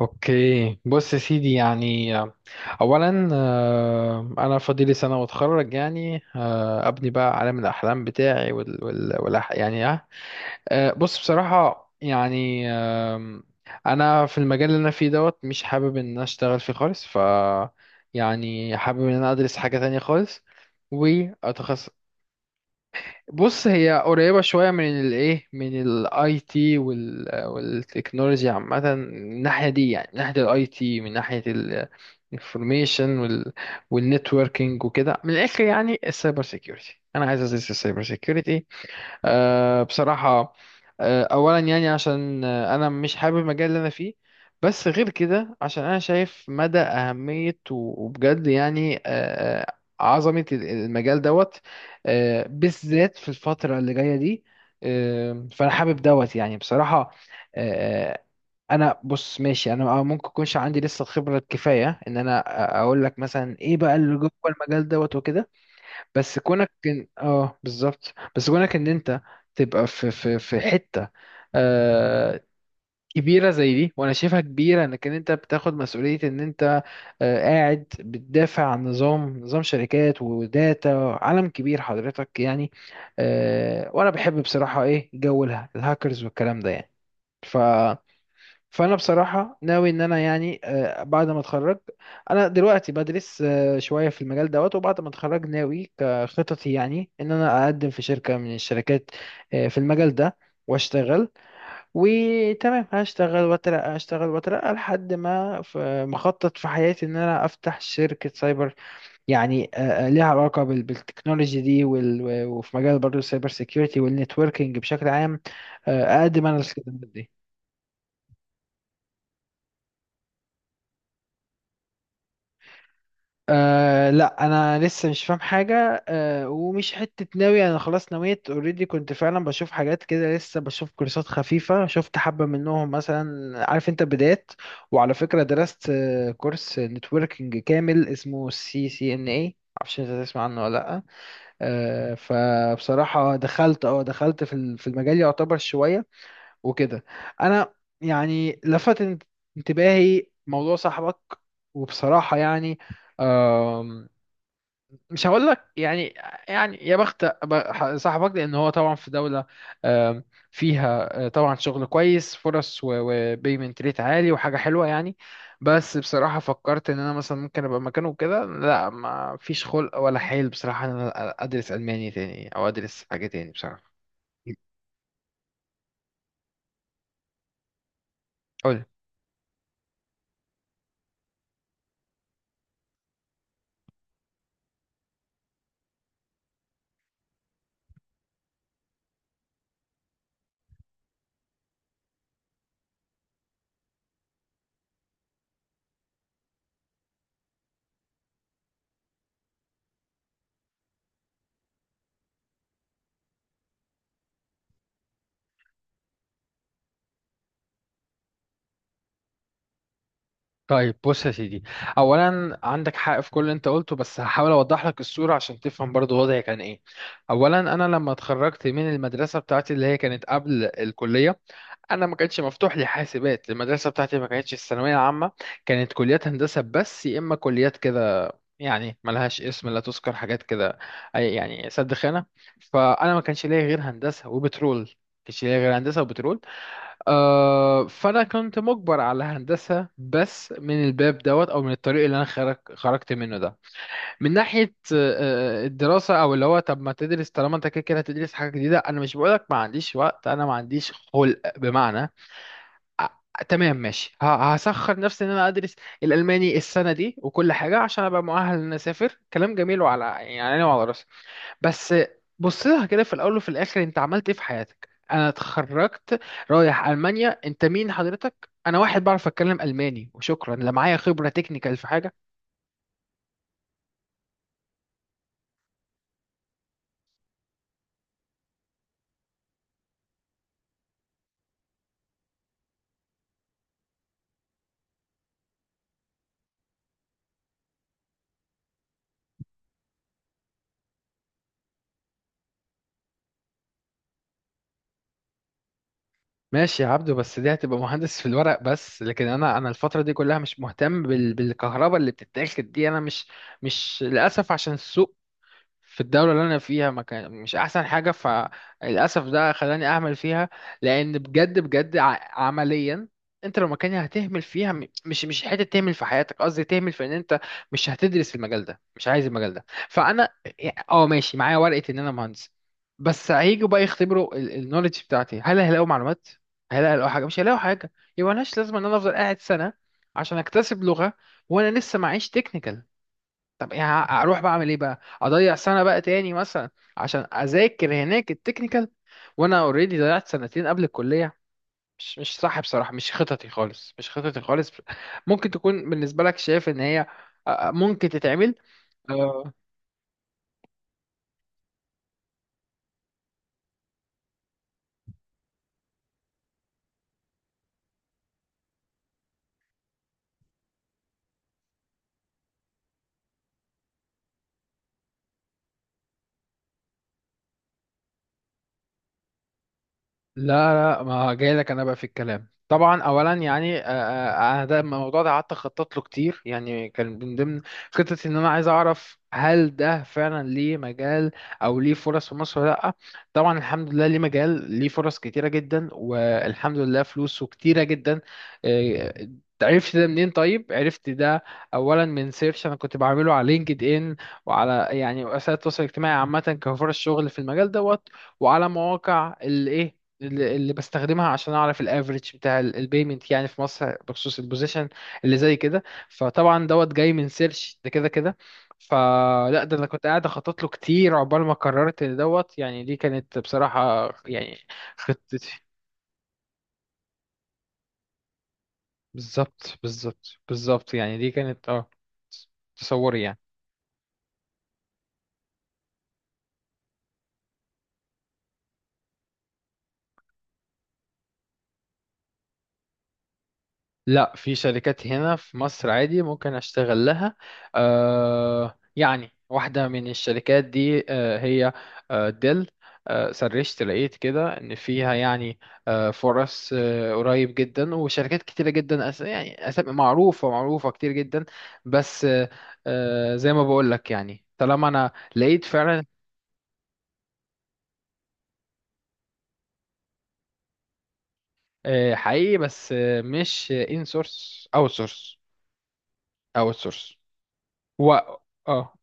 اوكي، بص يا سيدي، يعني اولا انا فاضلي سنه واتخرج، يعني ابني بقى عالم الاحلام بتاعي. يعني بص، بصراحه يعني انا في المجال اللي انا فيه دوت مش حابب ان انا اشتغل فيه خالص، ف يعني حابب ان انا ادرس حاجه تانية خالص واتخصص. بص، هي قريبة شوية من الايه، من الاي تي والتكنولوجي عامة، من الناحية دي يعني، من ناحية الاي تي، من ناحية الانفورميشن والنتوركينج وكده، من الاخر يعني السايبر سيكيورتي. انا عايز ازيد السايبر سيكيورتي. بصراحة، أولا يعني عشان أنا مش حابب المجال اللي أنا فيه، بس غير كده عشان أنا شايف مدى أهمية وبجد يعني آه، عظمة المجال دوت، بالذات في الفترة اللي جاية دي. فأنا حابب دوت يعني بصراحة. آه، آه، أنا بص ماشي، أنا ممكن يكونش عندي لسه الخبرة الكفاية إن أنا أقول لك مثلا إيه بقى اللي جوه المجال دوت وكده، بس كونك إن... اه بالظبط. بس كونك ان انت تبقى في حته آه كبيره زي دي، وانا شايفها كبيره، انك إن انت بتاخد مسؤوليه، ان انت قاعد بتدافع عن نظام شركات وداتا، عالم كبير حضرتك يعني. وانا بحب بصراحه ايه جو الهاكرز والكلام ده يعني. فانا بصراحه ناوي ان انا يعني بعد ما اتخرج، انا دلوقتي بدرس شويه في المجال دوت، وبعد ما اتخرج ناوي كخططي يعني ان انا اقدم في شركه من الشركات في المجال ده واشتغل. وتمام، هشتغل واترقى، هشتغل واترقى لحد ما مخطط في حياتي ان انا افتح شركه سايبر، يعني ليها علاقه بالتكنولوجي دي وفي مجال برضه السايبر سيكيورتي والنتوركينج بشكل عام. اقدم انا الخدمات دي. لا انا لسه مش فاهم حاجه. ومش حته ناوي، انا خلاص نويت اوريدي، كنت فعلا بشوف حاجات كده، لسه بشوف كورسات خفيفه، شفت حبه منهم مثلا، عارف انت، بدايات. وعلى فكره درست كورس نتوركينج كامل اسمه CCNA، معرفش انت تسمع عنه ولا لا. فبصراحه دخلت في في المجال يعتبر شويه وكده. انا يعني لفت انتباهي موضوع صاحبك. وبصراحه يعني مش هقول لك يعني يا بخت صاحبك، لان هو طبعا في دوله آم، فيها طبعا شغل كويس، فرص وبيمنت ريت عالي وحاجه حلوه يعني. بس بصراحه فكرت ان انا مثلا ممكن ابقى مكانه كده، لا، ما فيش خلق ولا حيل بصراحه ان انا ادرس الماني تاني، او ادرس حاجه تاني بصراحه. قول. طيب بص يا سيدي، اولا عندك حق في كل اللي انت قلته، بس هحاول اوضح لك الصوره عشان تفهم برضو وضعي كان ايه. اولا انا لما اتخرجت من المدرسه بتاعتي اللي هي كانت قبل الكليه، انا ما كانش مفتوح لي حاسبات. المدرسه بتاعتي ما كانتش الثانويه عامه، كانت كليات هندسه بس، يا اما كليات كده، يعني ملهاش اسم لا تذكر، حاجات كده، يعني سد خانه. فانا ما كانش ليا غير هندسه وبترول، ما كانش ليا غير هندسه وبترول. فانا كنت مجبر على هندسه بس، من الباب دوت او من الطريق اللي انا خرجت منه ده، من ناحيه الدراسه. او اللي هو طب ما تدرس، طالما انت كده كده هتدرس حاجه جديده؟ انا مش بقولك ما عنديش وقت، انا ما عنديش خلق، بمعنى آه، تمام ماشي، هسخر نفسي ان انا ادرس الالماني السنه دي وكل حاجه عشان ابقى مؤهل ان أنا اسافر، كلام جميل، وعلى يعني عيني وعلى راسي. بس، بص لها كده، في الاول وفي الاخر انت عملت ايه في حياتك؟ انا اتخرجت، رايح المانيا، انت مين حضرتك؟ انا واحد بعرف اتكلم الماني وشكرا. لا، معايا خبره تكنيكال في حاجه. ماشي يا عبدو، بس دي هتبقى مهندس في الورق بس، لكن انا، الفتره دي كلها مش مهتم بالكهرباء اللي بتتاخد دي. انا مش للاسف عشان السوق في الدولة اللي أنا فيها ما كان مش أحسن حاجة، فللأسف ده خلاني أهمل فيها. لأن بجد بجد عمليا أنت لو مكاني هتهمل فيها، مش حتة تهمل في حياتك، قصدي تهمل في إن أنت مش هتدرس المجال ده، مش عايز المجال ده. فأنا ماشي، معايا ورقة إن أنا مهندس، بس هيجوا بقى يختبروا النولج بتاعتي، هل هيلاقوا معلومات؟ هل هيلاقوا حاجة؟ مش هيلاقوا حاجة. يبقى ملهاش لازمة إن أنا أفضل قاعد سنة عشان أكتسب لغة وأنا لسه معيش تكنيكال. طب يعني اروح بعمل ايه بقى؟ اضيع سنه بقى تاني مثلا عشان اذاكر هناك التكنيكال؟ وانا اوريدي ضيعت سنتين قبل الكليه. مش صح بصراحه، مش خططي خالص، مش خططي خالص ممكن تكون بالنسبه لك شايف ان هي ممكن تتعمل. لا لا، ما جاي لك انا بقى في الكلام. طبعا اولا يعني انا ده الموضوع ده قعدت اخطط له كتير. يعني كان من ضمن خطتي ان انا عايز اعرف هل ده فعلا ليه مجال او ليه فرص في مصر ولا لا؟ طبعا الحمد لله ليه مجال، ليه فرص كتيره جدا، والحمد لله فلوسه كتيره جدا. آه، عرفت ده منين؟ طيب، عرفت ده اولا من سيرش انا كنت بعمله على لينكد ان، وعلى يعني وسائل التواصل الاجتماعي عامه، كفرص شغل في المجال دوت. وعلى مواقع الايه اللي بستخدمها عشان اعرف الافريج بتاع البيمنت يعني في مصر بخصوص البوزيشن اللي زي كده. فطبعا دوت جاي من سيرش ده كده كده. فلا، ده انا كنت قاعد اخطط له كتير عقبال ما قررت ان دوت يعني، دي كانت بصراحة يعني خطتي. بالظبط بالظبط بالظبط، يعني دي كانت تصوري يعني. لا، في شركات هنا في مصر عادي ممكن اشتغل لها. يعني واحدة من الشركات دي هي ديل. سرشت لقيت كده ان فيها يعني فرص قريب جدا، وشركات كتيرة جدا، يعني أسامي معروفة، معروفة كتير جدا، بس زي ما بقول لك يعني طالما انا لقيت فعلا حقيقي. بس مش ان سورس، اوت سورس، اوت سورس و اه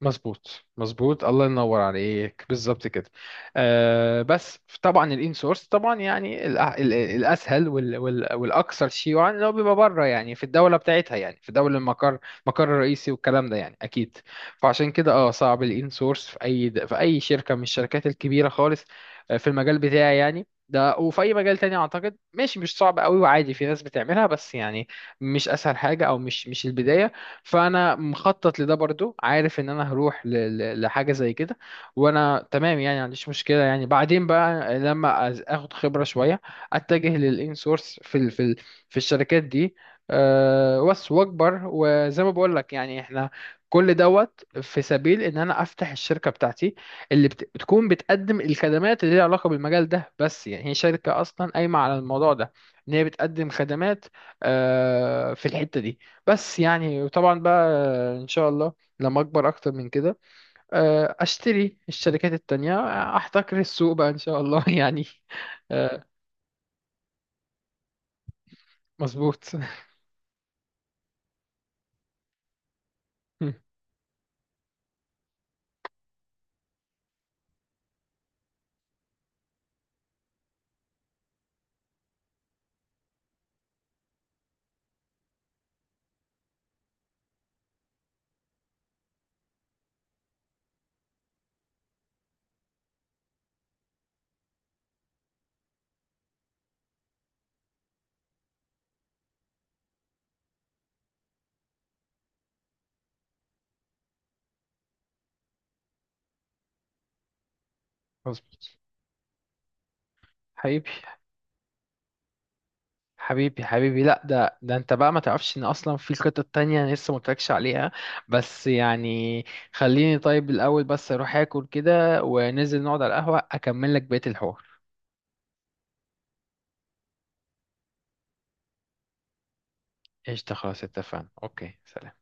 مظبوط، مظبوط، الله ينور عليك، بالظبط كده. بس طبعا الان سورس طبعا يعني الاسهل والاكثر شيوعا، اللي هو بيبقى بره يعني، في الدوله بتاعتها يعني، في دوله المقر، المقر الرئيسي والكلام ده يعني، اكيد. فعشان كده صعب الان سورس في اي شركه من الشركات الكبيره خالص في المجال بتاعي يعني ده. وفي اي مجال تاني اعتقد ماشي، مش صعب قوي، وعادي في ناس بتعملها، بس يعني مش اسهل حاجه، او مش البدايه. فانا مخطط لده برضو، عارف ان انا هروح لحاجه زي كده، وانا تمام يعني ما عنديش مشكله، يعني بعدين بقى لما اخد خبره شويه اتجه للانسورس في ال في ال في الشركات دي. بس واكبر، وزي ما بقول لك يعني، احنا كل دوت في سبيل ان انا افتح الشركه بتاعتي، اللي بتكون بتقدم الخدمات اللي ليها علاقه بالمجال ده، بس يعني هي شركه اصلا قايمه على الموضوع ده، ان هي بتقدم خدمات في الحته دي، بس يعني. وطبعا بقى ان شاء الله لما اكبر اكتر من كده، اشتري الشركات التانية، احتكر السوق بقى ان شاء الله يعني. آه، مظبوط مظبوط، حبيبي حبيبي حبيبي. لا، ده انت بقى ما تعرفش ان اصلا في خطط تانية انا لسه ما قلتلكش عليها. بس يعني خليني طيب الاول بس اروح اكل كده، وننزل نقعد على القهوة اكمل لك بقية الحوار. قشطة، خلاص اتفقنا. اوكي، سلام.